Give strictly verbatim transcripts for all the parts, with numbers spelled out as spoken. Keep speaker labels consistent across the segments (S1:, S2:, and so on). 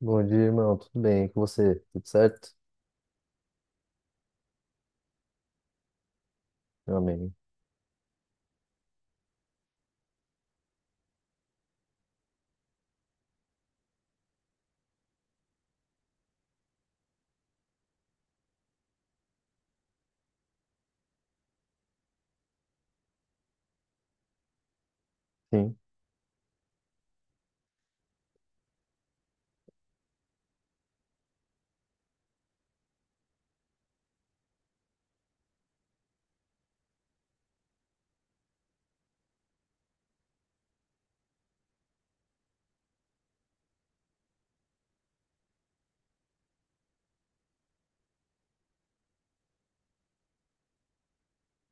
S1: Bom dia, irmão. Tudo bem? Com você? Tudo certo? Meu amigo. Sim.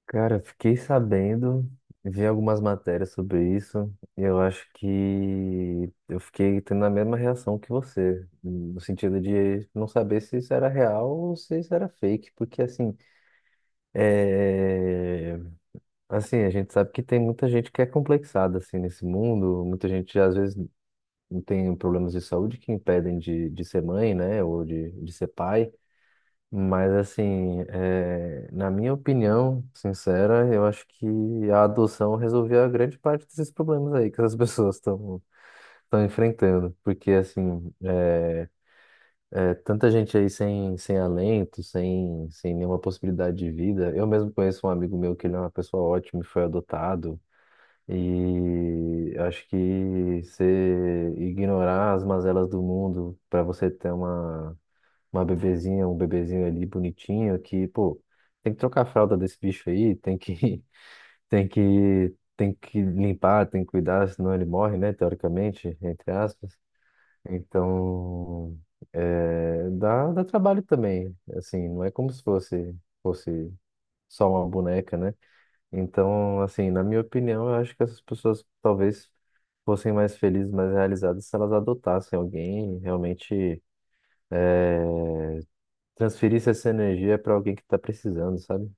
S1: Cara, eu fiquei sabendo, vi algumas matérias sobre isso, e eu acho que eu fiquei tendo a mesma reação que você, no sentido de não saber se isso era real ou se isso era fake, porque assim, é... assim, a gente sabe que tem muita gente que é complexada assim nesse mundo, muita gente às vezes tem problemas de saúde que impedem de, de ser mãe, né, ou de, de ser pai. Mas assim, eh, na minha opinião sincera, eu acho que a adoção resolvia a grande parte desses problemas aí que as pessoas estão estão enfrentando, porque assim, é é tanta gente aí sem, sem alento, sem, sem nenhuma possibilidade de vida. Eu mesmo conheço um amigo meu que ele é uma pessoa ótima e foi adotado. E acho que você ignorar as mazelas do mundo para você ter uma uma bebezinha, um bebezinho ali bonitinho que, pô, tem que trocar a fralda desse bicho aí, tem que, tem que, tem que limpar, tem que cuidar, senão ele morre, né, teoricamente, entre aspas. Então, é, dá, dá trabalho também, assim, não é como se fosse, fosse só uma boneca, né? Então, assim, na minha opinião, eu acho que essas pessoas talvez fossem mais felizes, mais realizadas se elas adotassem alguém realmente é, transferir essa energia pra alguém que tá precisando, sabe?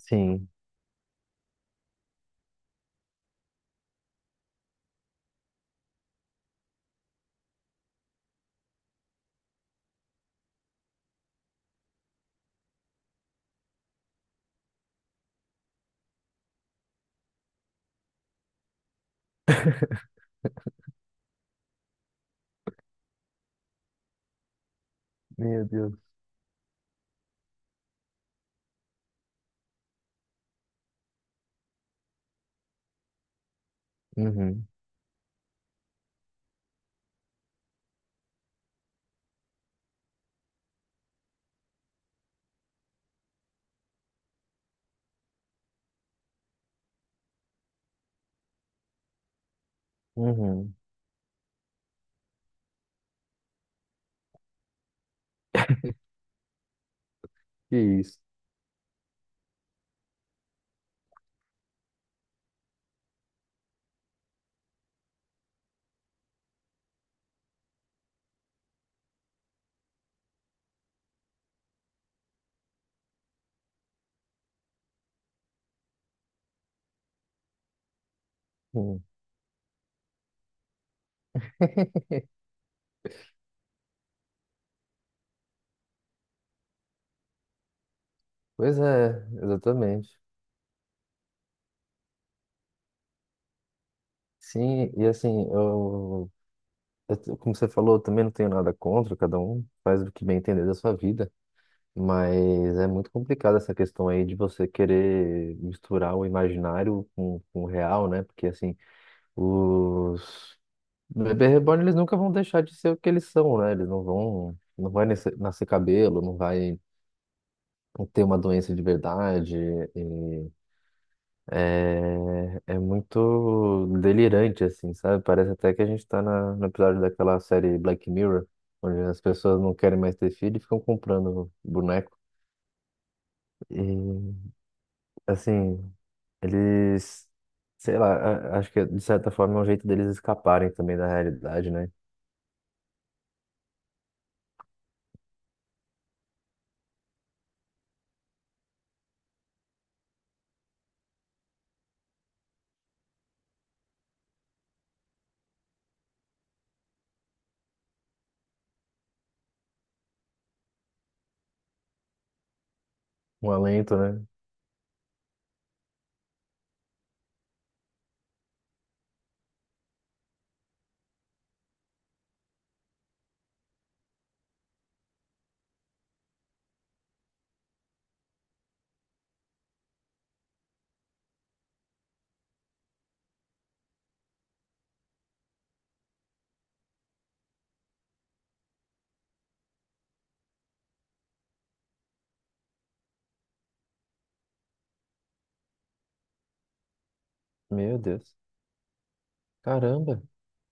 S1: Sim, meu Deus. Uhum, uhum. Que isso. Hum. Pois é, exatamente. Sim, e assim, eu, eu- como você falou, eu também não tenho nada contra, cada um faz o que bem entender da sua vida, mas é muito complicado essa questão aí de você querer misturar o imaginário com, com o real, né? Porque assim, os bebê reborn, eles nunca vão deixar de ser o que eles são, né? Eles não vão, não vai nascer, nascer cabelo, não vai ter uma doença de verdade. E é, é muito delirante, assim, sabe? Parece até que a gente tá na, no episódio daquela série Black Mirror, onde as pessoas não querem mais ter filho e ficam comprando boneco. E, assim, eles, sei lá, a- acho que de certa forma é um jeito deles escaparem também da realidade, né? Um alento, né? Meu Deus. Caramba.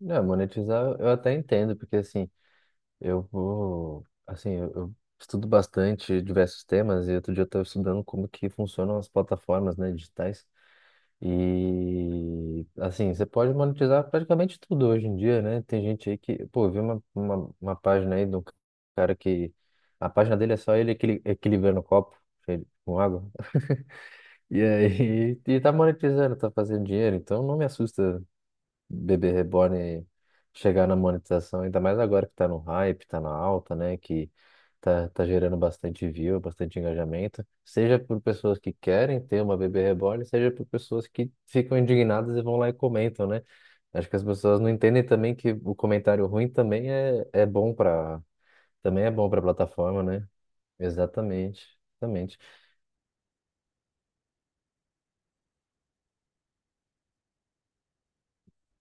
S1: Não, monetizar eu até entendo, porque assim, eu vou, assim, eu, eu estudo bastante diversos temas e outro dia eu estava estudando como que funcionam as plataformas, né, digitais. E assim, você pode monetizar praticamente tudo hoje em dia, né? Tem gente aí que, pô, eu vi uma, uma, uma página aí de um cara que a página dele é só ele equili- equilibrando o copo cheio de- com água. E aí, e tá monetizando, tá fazendo dinheiro, então não me assusta bebê reborn chegar na monetização, ainda mais agora que tá no hype, tá na alta, né? Que tá, tá gerando bastante view, bastante engajamento, seja por pessoas que querem ter uma bebê reborn, seja por pessoas que ficam indignadas e vão lá e comentam, né? Acho que as pessoas não entendem também que o comentário ruim também é, é bom para também é bom para a plataforma, né? Exatamente, exatamente.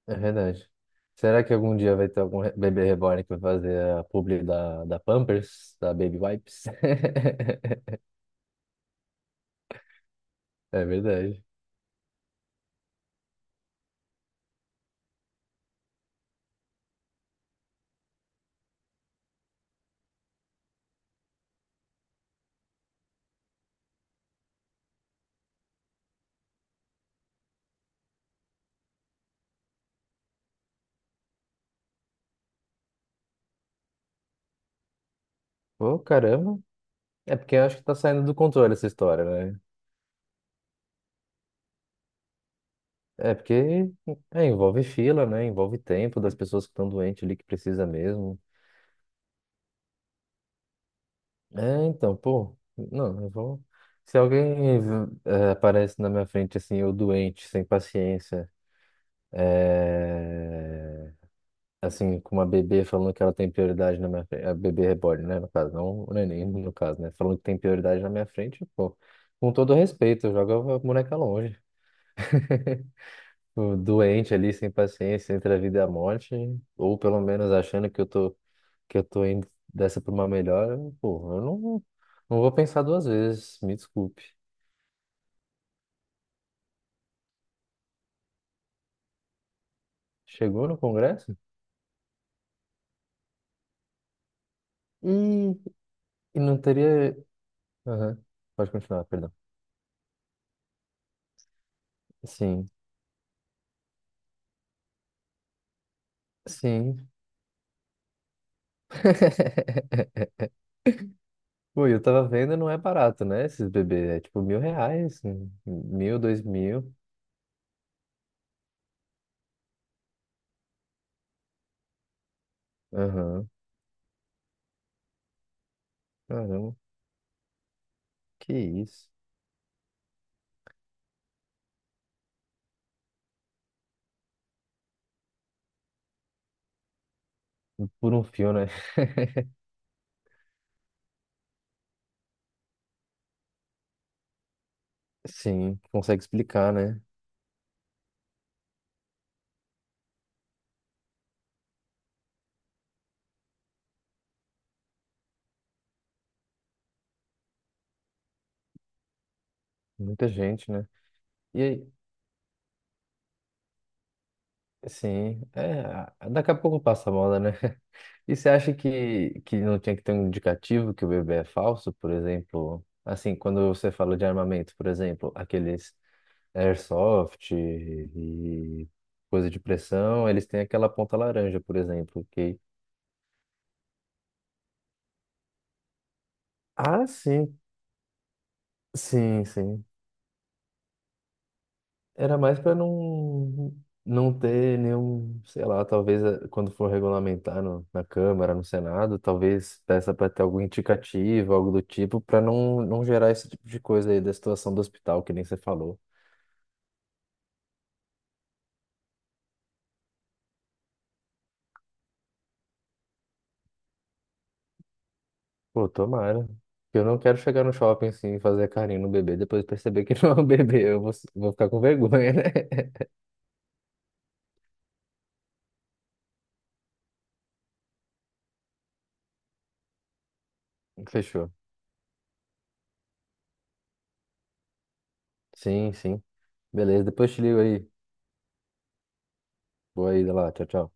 S1: É verdade. Será que algum dia vai ter algum re- bebê reborn que vai fazer a publi da, da Pampers, da Baby Wipes? É verdade. Pô, caramba. É porque eu acho que tá saindo do controle essa história, né? É porque é, envolve fila, né? Envolve tempo das pessoas que estão doentes ali que precisa mesmo. É, então, pô, não, eu vou. Se alguém eh, aparece na minha frente assim, eu doente, sem paciência. É... assim, com uma bebê falando que ela tem prioridade na minha frente, a bebê reborn, né, no caso, não o neném, no caso, né, falando que tem prioridade na minha frente, pô, com todo respeito, joga a boneca longe. Tipo, doente ali, sem paciência, entre a vida e a morte, ou pelo menos achando que eu tô, que eu tô indo dessa pra uma melhor, pô, eu não, não vou pensar duas vezes, me desculpe. Chegou no Congresso? E, e não teria. Aham, pode continuar, perdão. Sim, sim. Pô, eu tava vendo, não é barato, né? Esses bebês. É tipo mil reais, hum, mil, dois mil. Aham. Caramba, que isso. Por um fio, né? Sim, consegue explicar, né? Muita gente, né? E aí, sim, é, daqui a pouco passa a moda, né? E você acha que, que não tinha que ter um indicativo que o bebê é falso, por exemplo? Assim, quando você fala de armamento, por exemplo, aqueles airsoft e coisa de pressão, eles têm aquela ponta laranja, por exemplo, que ah, sim, sim, sim. Era mais para não não ter nenhum, sei lá, talvez eh, quando for regulamentar no, na Câmara, no Senado, talvez peça para ter algum indicativo, algo do tipo, para não, não gerar esse tipo de coisa aí da situação do hospital, que nem você falou. Pô, tomara. Eu não quero chegar no shopping assim e fazer carinho no bebê, depois perceber que não é um bebê, eu vou, vou ficar com vergonha, né? Fechou. Sim, sim. Beleza, depois te ligo aí. Boa ida lá, tchau, tchau.